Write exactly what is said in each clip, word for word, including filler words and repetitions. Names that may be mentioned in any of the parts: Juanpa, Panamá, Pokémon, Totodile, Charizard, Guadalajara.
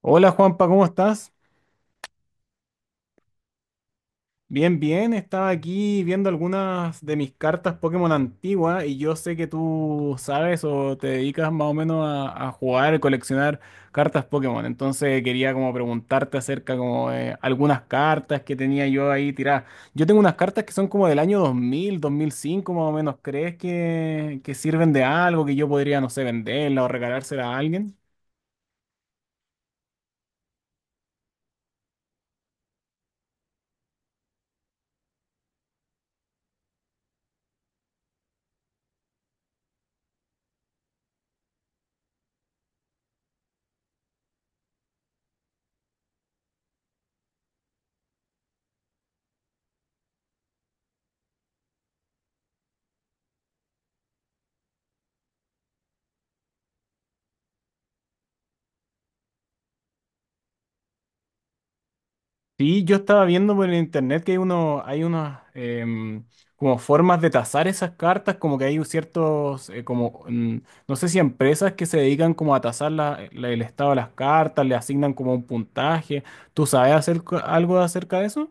Hola Juanpa, ¿cómo estás? Bien, bien, estaba aquí viendo algunas de mis cartas Pokémon antiguas y yo sé que tú sabes o te dedicas más o menos a, a jugar y coleccionar cartas Pokémon. Entonces quería como preguntarte acerca como de algunas cartas que tenía yo ahí tiradas. Yo tengo unas cartas que son como del año dos dos mil, dos mil cinco más o menos. ¿Crees que, que sirven de algo, que yo podría, no sé, venderla o regalársela a alguien? Sí, yo estaba viendo por internet que hay uno, hay unas em, como formas de tasar esas cartas, como que hay ciertos, eh, como, mm, no sé si empresas que se dedican como a tasar la- la- el estado de las cartas, le asignan como un puntaje. ¿Tú sabes hacer co- algo acerca de eso?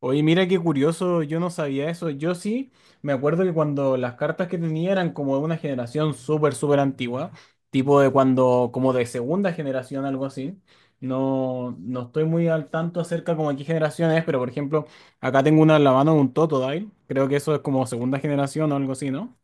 Oye, mira qué curioso, yo no sabía eso. Yo sí me acuerdo que cuando las cartas que tenía eran como de una generación súper, súper antigua, tipo de cuando, como de segunda generación, algo así. No, no estoy muy al tanto acerca como de qué generación es, pero por ejemplo, acá tengo una en la mano de un Totodile. Creo que eso es como segunda generación o algo así, ¿no?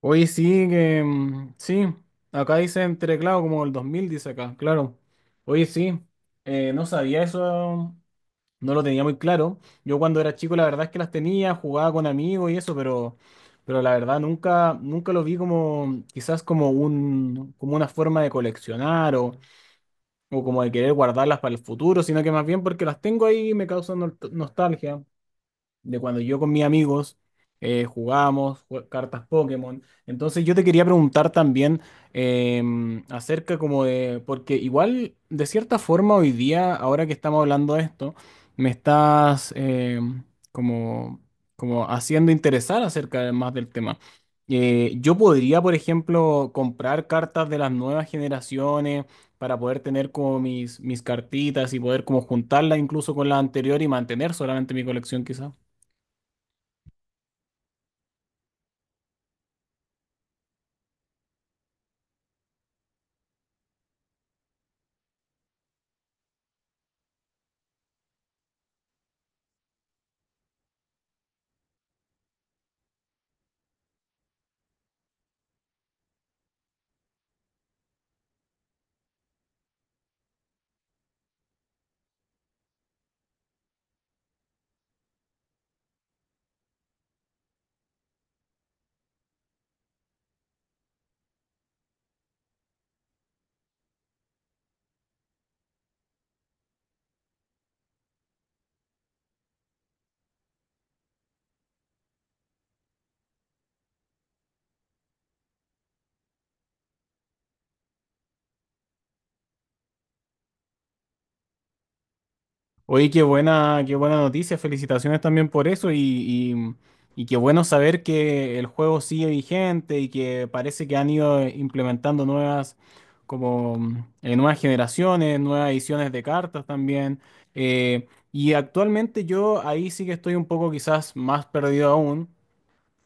Oye, sí, que mm, sí. Acá dice entre, claro, como el dos mil dice acá, claro. Oye, sí, eh, no sabía eso. No lo tenía muy claro. Yo cuando era chico la verdad es que las tenía, jugaba con amigos y eso, pero, pero la verdad nunca, nunca lo vi como quizás como un, como una forma de coleccionar o, o como de querer guardarlas para el futuro, sino que más bien porque las tengo ahí y me causan nol- nostalgia de cuando yo con mis amigos eh, jugábamos jue- cartas Pokémon. Entonces yo te quería preguntar también em, acerca como de, porque igual de cierta forma hoy día, ahora que estamos hablando de esto, me estás em, como, como haciendo interesar acerca de- más del tema. Eh, yo podría, por ejemplo, comprar cartas de las nuevas generaciones para poder tener como mis, mis cartitas y poder como juntarlas incluso con la anterior y mantener solamente mi colección quizás. Oye, qué buena, qué buena noticia. Felicitaciones también por eso y, y- y qué bueno saber que el juego sigue vigente y que parece que han ido implementando nuevas, como mm, eh, nuevas generaciones, nuevas ediciones de cartas también. Eh, y actualmente yo ahí sí que estoy un poco quizás más perdido aún,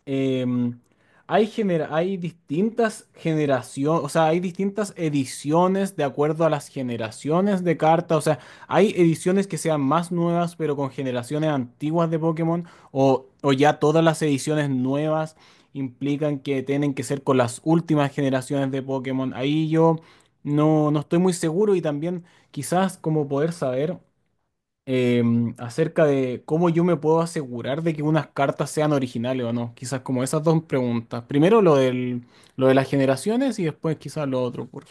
em, hay, gener- hay distintas generaciones, o sea, hay distintas ediciones de acuerdo a las generaciones de cartas. O sea, hay ediciones que sean más nuevas, pero con generaciones antiguas de Pokémon, o, o ya todas las ediciones nuevas implican que tienen que ser con las últimas generaciones de Pokémon. Ahí yo no, no estoy muy seguro y también quizás como poder saber em, acerca de cómo yo me puedo asegurar de que unas cartas sean originales o no. Quizás como esas dos preguntas. Primero lo del, lo de las generaciones y después quizás lo otro, por-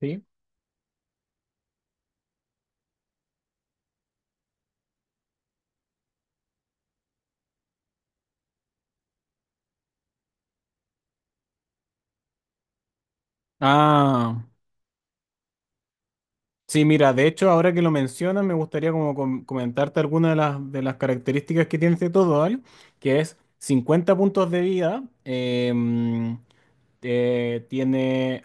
¿sí? Ah, sí, mira, de hecho, ahora que lo mencionas, me gustaría como com- comentarte algunas de las, de las características que tiene este Totodile, que es cincuenta puntos de vida, em, eh, tiene...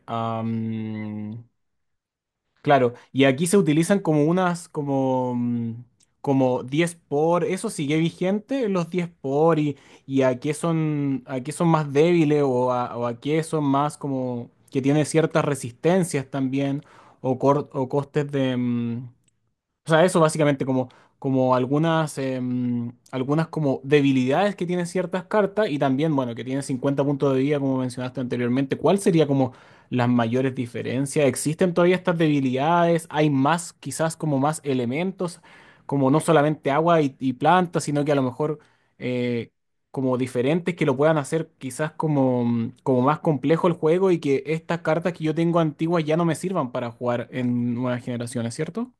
Claro, y aquí se utilizan como unas, como, mm, como diez por, eso sigue vigente, los diez por, y, y a qué son, a qué son más débiles o a, o a qué son más como que tienen ciertas resistencias también o, cor- o costes de, mm, o sea, eso básicamente como, como algunas, em, algunas como debilidades que tienen ciertas cartas y también, bueno, que tienen cincuenta puntos de vida como mencionaste anteriormente. ¿Cuál sería como las mayores diferencias? ¿Existen todavía estas debilidades? ¿Hay más, quizás como más elementos, como no solamente agua y, y plantas, sino que a lo mejor eh, como diferentes que lo puedan hacer quizás como, mm, como más complejo el juego y que estas cartas que yo tengo antiguas ya no me sirvan para jugar en nuevas generaciones, ¿cierto?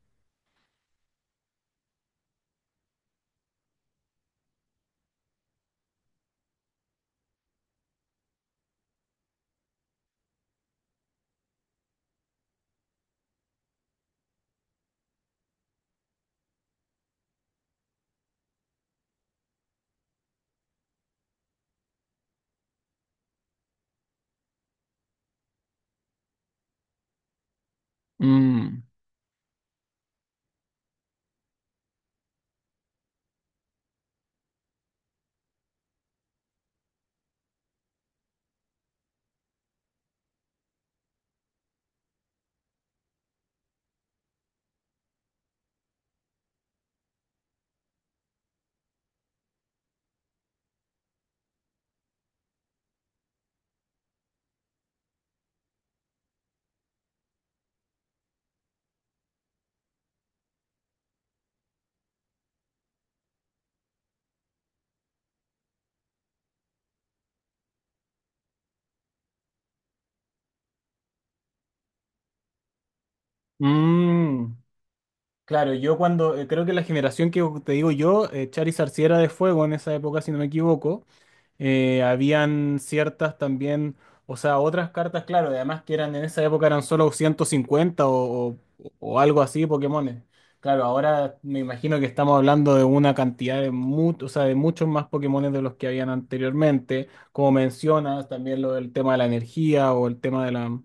Mm, mm. Claro, yo cuando, eh, creo que la generación que te digo yo, eh, Charizard sí era de fuego en esa época, si no me equivoco, eh, habían ciertas también, o sea, otras cartas, claro, además que eran en esa época eran solo ciento cincuenta o, o, o algo así, Pokémones. Claro, ahora me imagino que estamos hablando de una cantidad de, mu- o sea, de muchos más Pokémones de los que habían anteriormente, como mencionas, también lo del tema de la energía o el tema de la...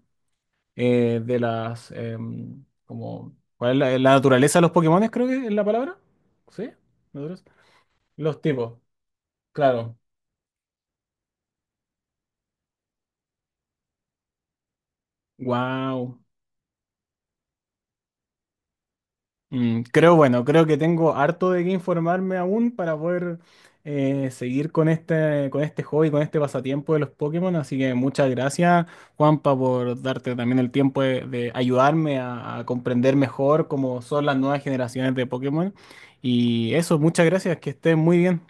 eh, de las, em, como, ¿cuál es la, la naturaleza de los Pokémones, creo que es la palabra? ¿Sí? ¿Naturaleza? Los tipos, claro. Wow. Mm, creo, bueno, creo que tengo harto de qué informarme aún para poder eh, seguir con este, con este hobby, con este pasatiempo de los Pokémon. Así que muchas gracias, Juanpa, por darte también el tiempo de, de ayudarme a, a comprender mejor cómo son las nuevas generaciones de Pokémon. Y eso, muchas gracias, que estés muy bien.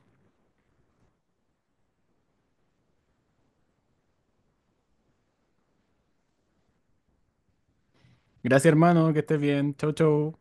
Gracias, hermano, que estés bien. Chau, chau.